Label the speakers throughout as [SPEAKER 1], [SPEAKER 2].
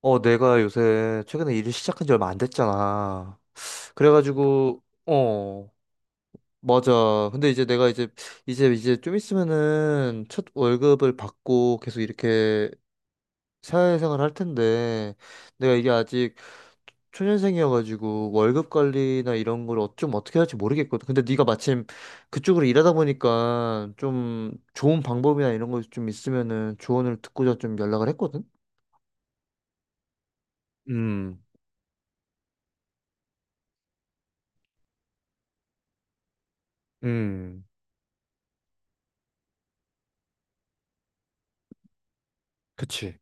[SPEAKER 1] 내가 요새 최근에 일을 시작한 지 얼마 안 됐잖아. 그래가지고, 맞아. 근데 이제 내가 이제 좀 있으면은 첫 월급을 받고 계속 이렇게 사회생활 할 텐데, 내가 이게 아직 초년생이어가지고 월급 관리나 이런 걸 좀 어떻게 할지 모르겠거든. 근데 네가 마침 그쪽으로 일하다 보니까 좀 좋은 방법이나 이런 거 좀 있으면은 조언을 듣고자 좀 연락을 했거든. 음, 음, 그치.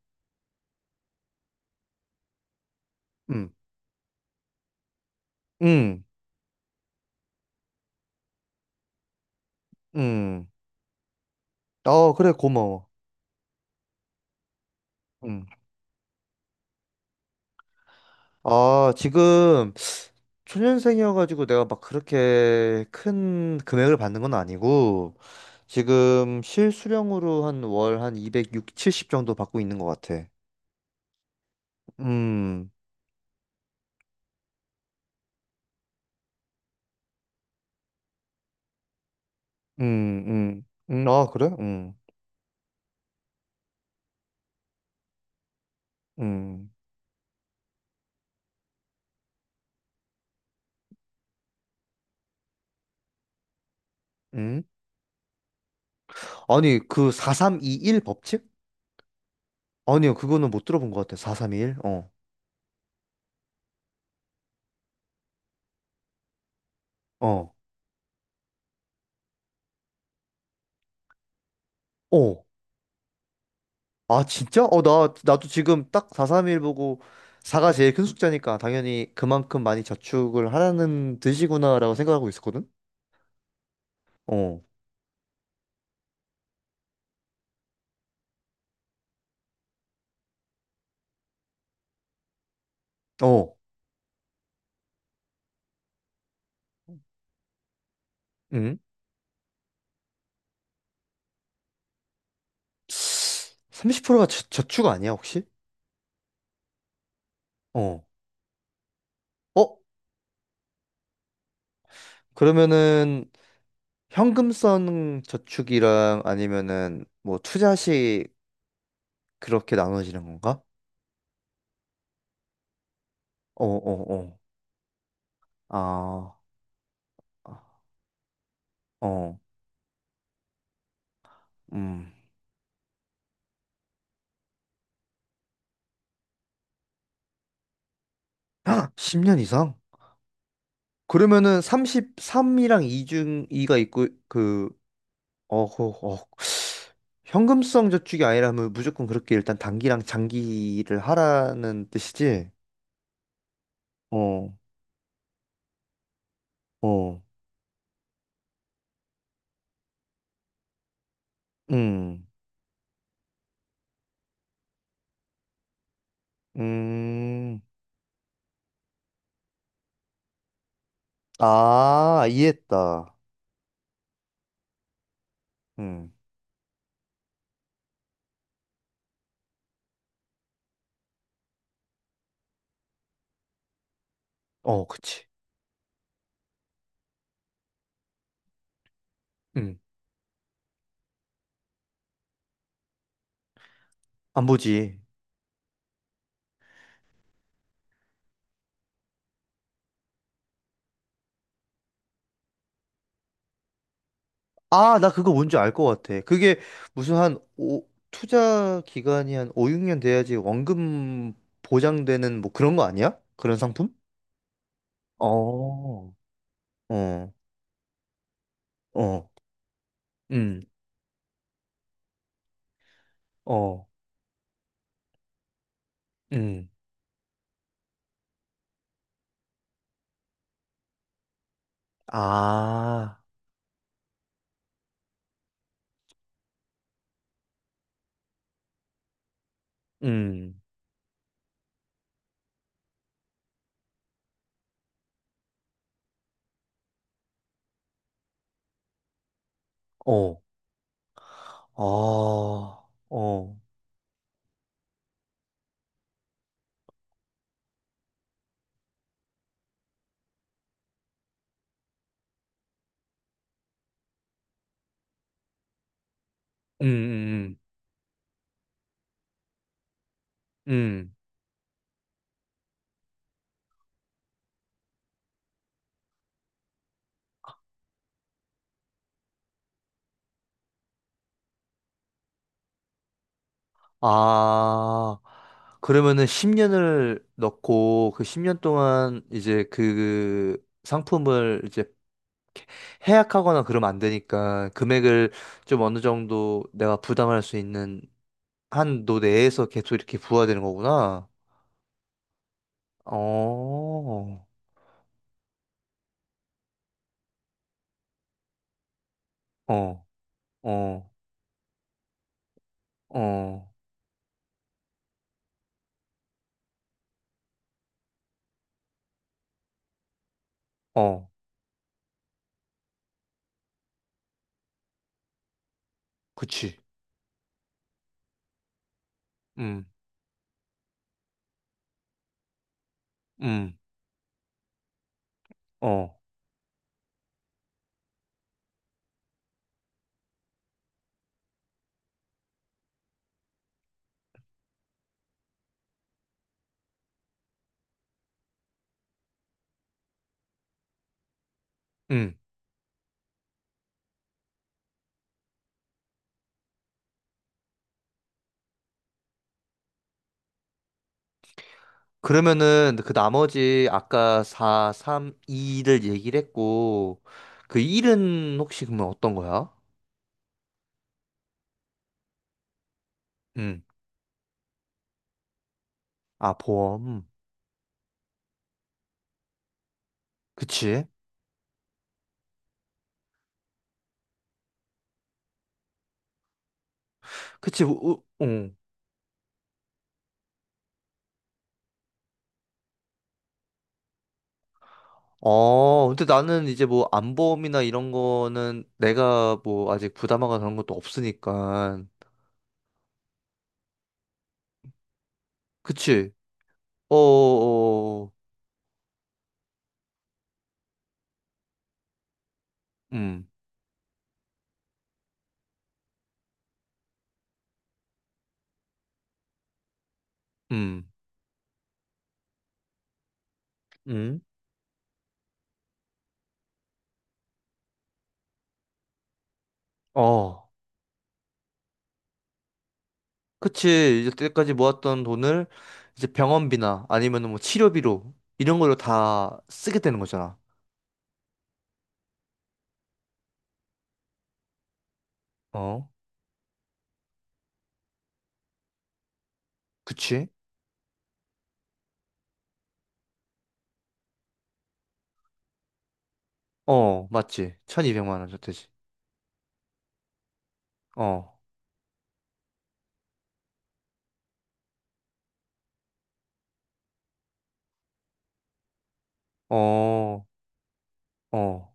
[SPEAKER 1] 응, 응. 아, 그래, 고마워. 응. 아, 지금 초년생이어가지고 내가 막 그렇게 큰 금액을 받는 건 아니고, 지금 실수령으로 한 월 한2백0칠0 정도 받고 있는 것 같아. 음, 음, 아, 그래? 음, 음. 아니, 그 4321 법칙? 아니요, 그거는 못 들어본 것 같아. 4321? 어, 어. 어. 아, 진짜? 어, 나도 지금 딱 431 보고 4가 제일 큰 숫자니까 당연히 그만큼 많이 저축을 하라는 뜻이구나라고 생각하고 있었거든? 어, 어, 응? 30%가 저축 아니야, 혹시? 어. 어? 그러면은 현금성 저축이랑 아니면은 뭐 투자식 그렇게 나눠지는 건가? 어, 어, 어. 아, 아, 어, 음. 10년 이상? 그러면은 33이랑 2중 2가 있고 그 현금성 저축이 아니라면 무조건 그렇게 일단 단기랑 장기를 하라는 뜻이지. 어, 어, 음, 음, 아, 이해했다. 음, 어, 그치. 음, 안 보지. 아, 나 그거 뭔지 알 것 같아. 그게 무슨 투자 기간이 한 5, 6년 돼야지 원금 보장되는 뭐 그런 거 아니야? 그런 상품? 어. 어, 어, 음, 어, 음, 아, 음, 어, 어, 어, 음, 음, 음, 음. 아, 그러면은 10년을 넣고 그 10년 동안 이제 그 상품을 이제 해약하거나 그러면 안 되니까 금액을 좀 어느 정도 내가 부담할 수 있는 한도 내에서 계속 이렇게 부과되는 거구나. 어, 어, 어, 어. 어, 그치. 음, 음, 어, 음. 그러면은 그 나머지 아까 4, 3, 2를 얘기를 했고, 그 1은 혹시 그러면 어떤 거야? 음. 아, 보험. 그치. 그치, 어. 어, 근데 나는 이제 뭐 안보험이나 이런 거는 내가 뭐 아직 부담하거나 그런 것도 없으니까. 그치. 어, 어, 어. 어. 음, 음, 음. 어. 그치. 이때까지 제 모았던 돈을 이제 병원비나 아니면 뭐 치료비로 이런 걸로 다 쓰게 되는 거잖아. 어? 그치? 어, 맞지. 1,200만 원저대지 어, 어, 어.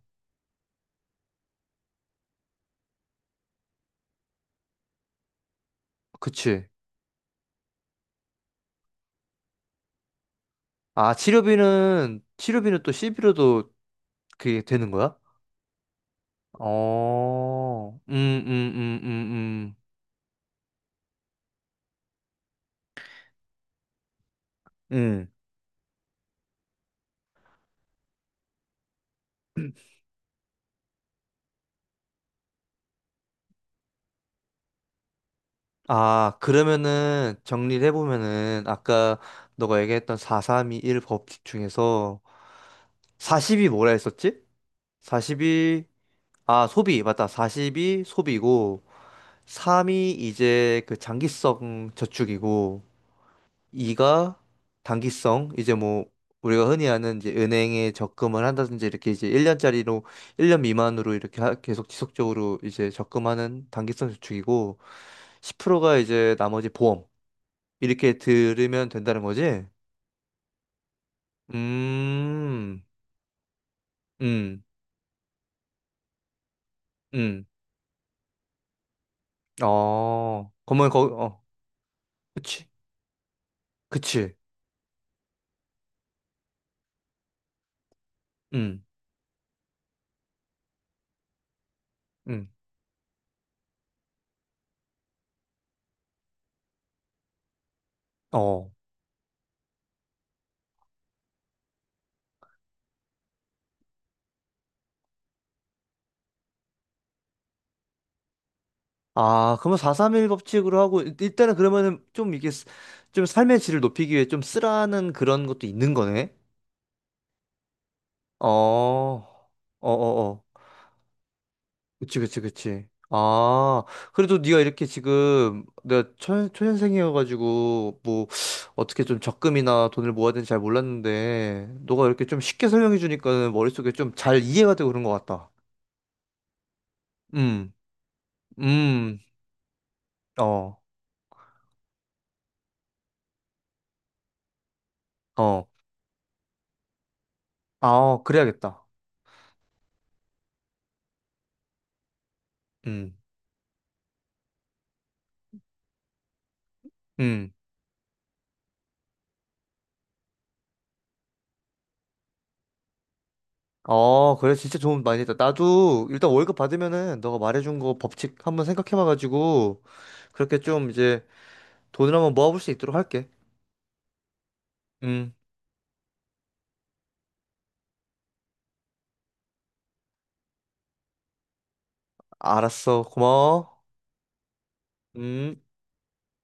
[SPEAKER 1] 그치. 아, 치료비는 또 c 비로도 그게 되는 거야? 어, 음, 음, 음, 음. 음. 아, 그러면은 정리를 해보면은 아까 너가 얘기했던 4321 법칙 중에서 40이 뭐라 했었지? 4이 아, 소비, 맞다. 4이 소비고, 3이 이제 그 장기성 저축이고, 2가 단기성, 이제 뭐, 우리가 흔히 아는 이제 은행에 적금을 한다든지 이렇게 이제 1년짜리로, 1년 미만으로 이렇게 계속 지속적으로 이제 적금하는 단기성 저축이고, 10%가 이제 나머지 보험, 이렇게 들으면 된다는 거지? 음, 음, 음, 어, 그러면 그치, 그치. 음. 음. 어. 아, 그러면 431 법칙으로 하고 일단은 그러면은 좀 이게 좀 삶의 질을 높이기 위해 좀 쓰라는 그런 것도 있는 거네. 어. 어, 어, 어. 그치, 그치, 그치. 아, 그래도 네가 이렇게 지금 내가 초년생이어가지고 뭐 어떻게 좀 적금이나 돈을 모아야 되는지 잘 몰랐는데 너가 이렇게 좀 쉽게 설명해 주니까는 머릿속에 좀 잘 이해가 되고 그런 것 같다. 음, 음, 어, 어. 아, 그래야겠다. 음, 음. 어, 그래, 진짜 좋은 많이 했다. 나도 일단 월급 받으면은 너가 말해준 거 법칙 한번 생각해봐가지고 그렇게 좀 이제 돈을 한번 모아볼 수 있도록 할게. 음, 알았어. 고마워. 음.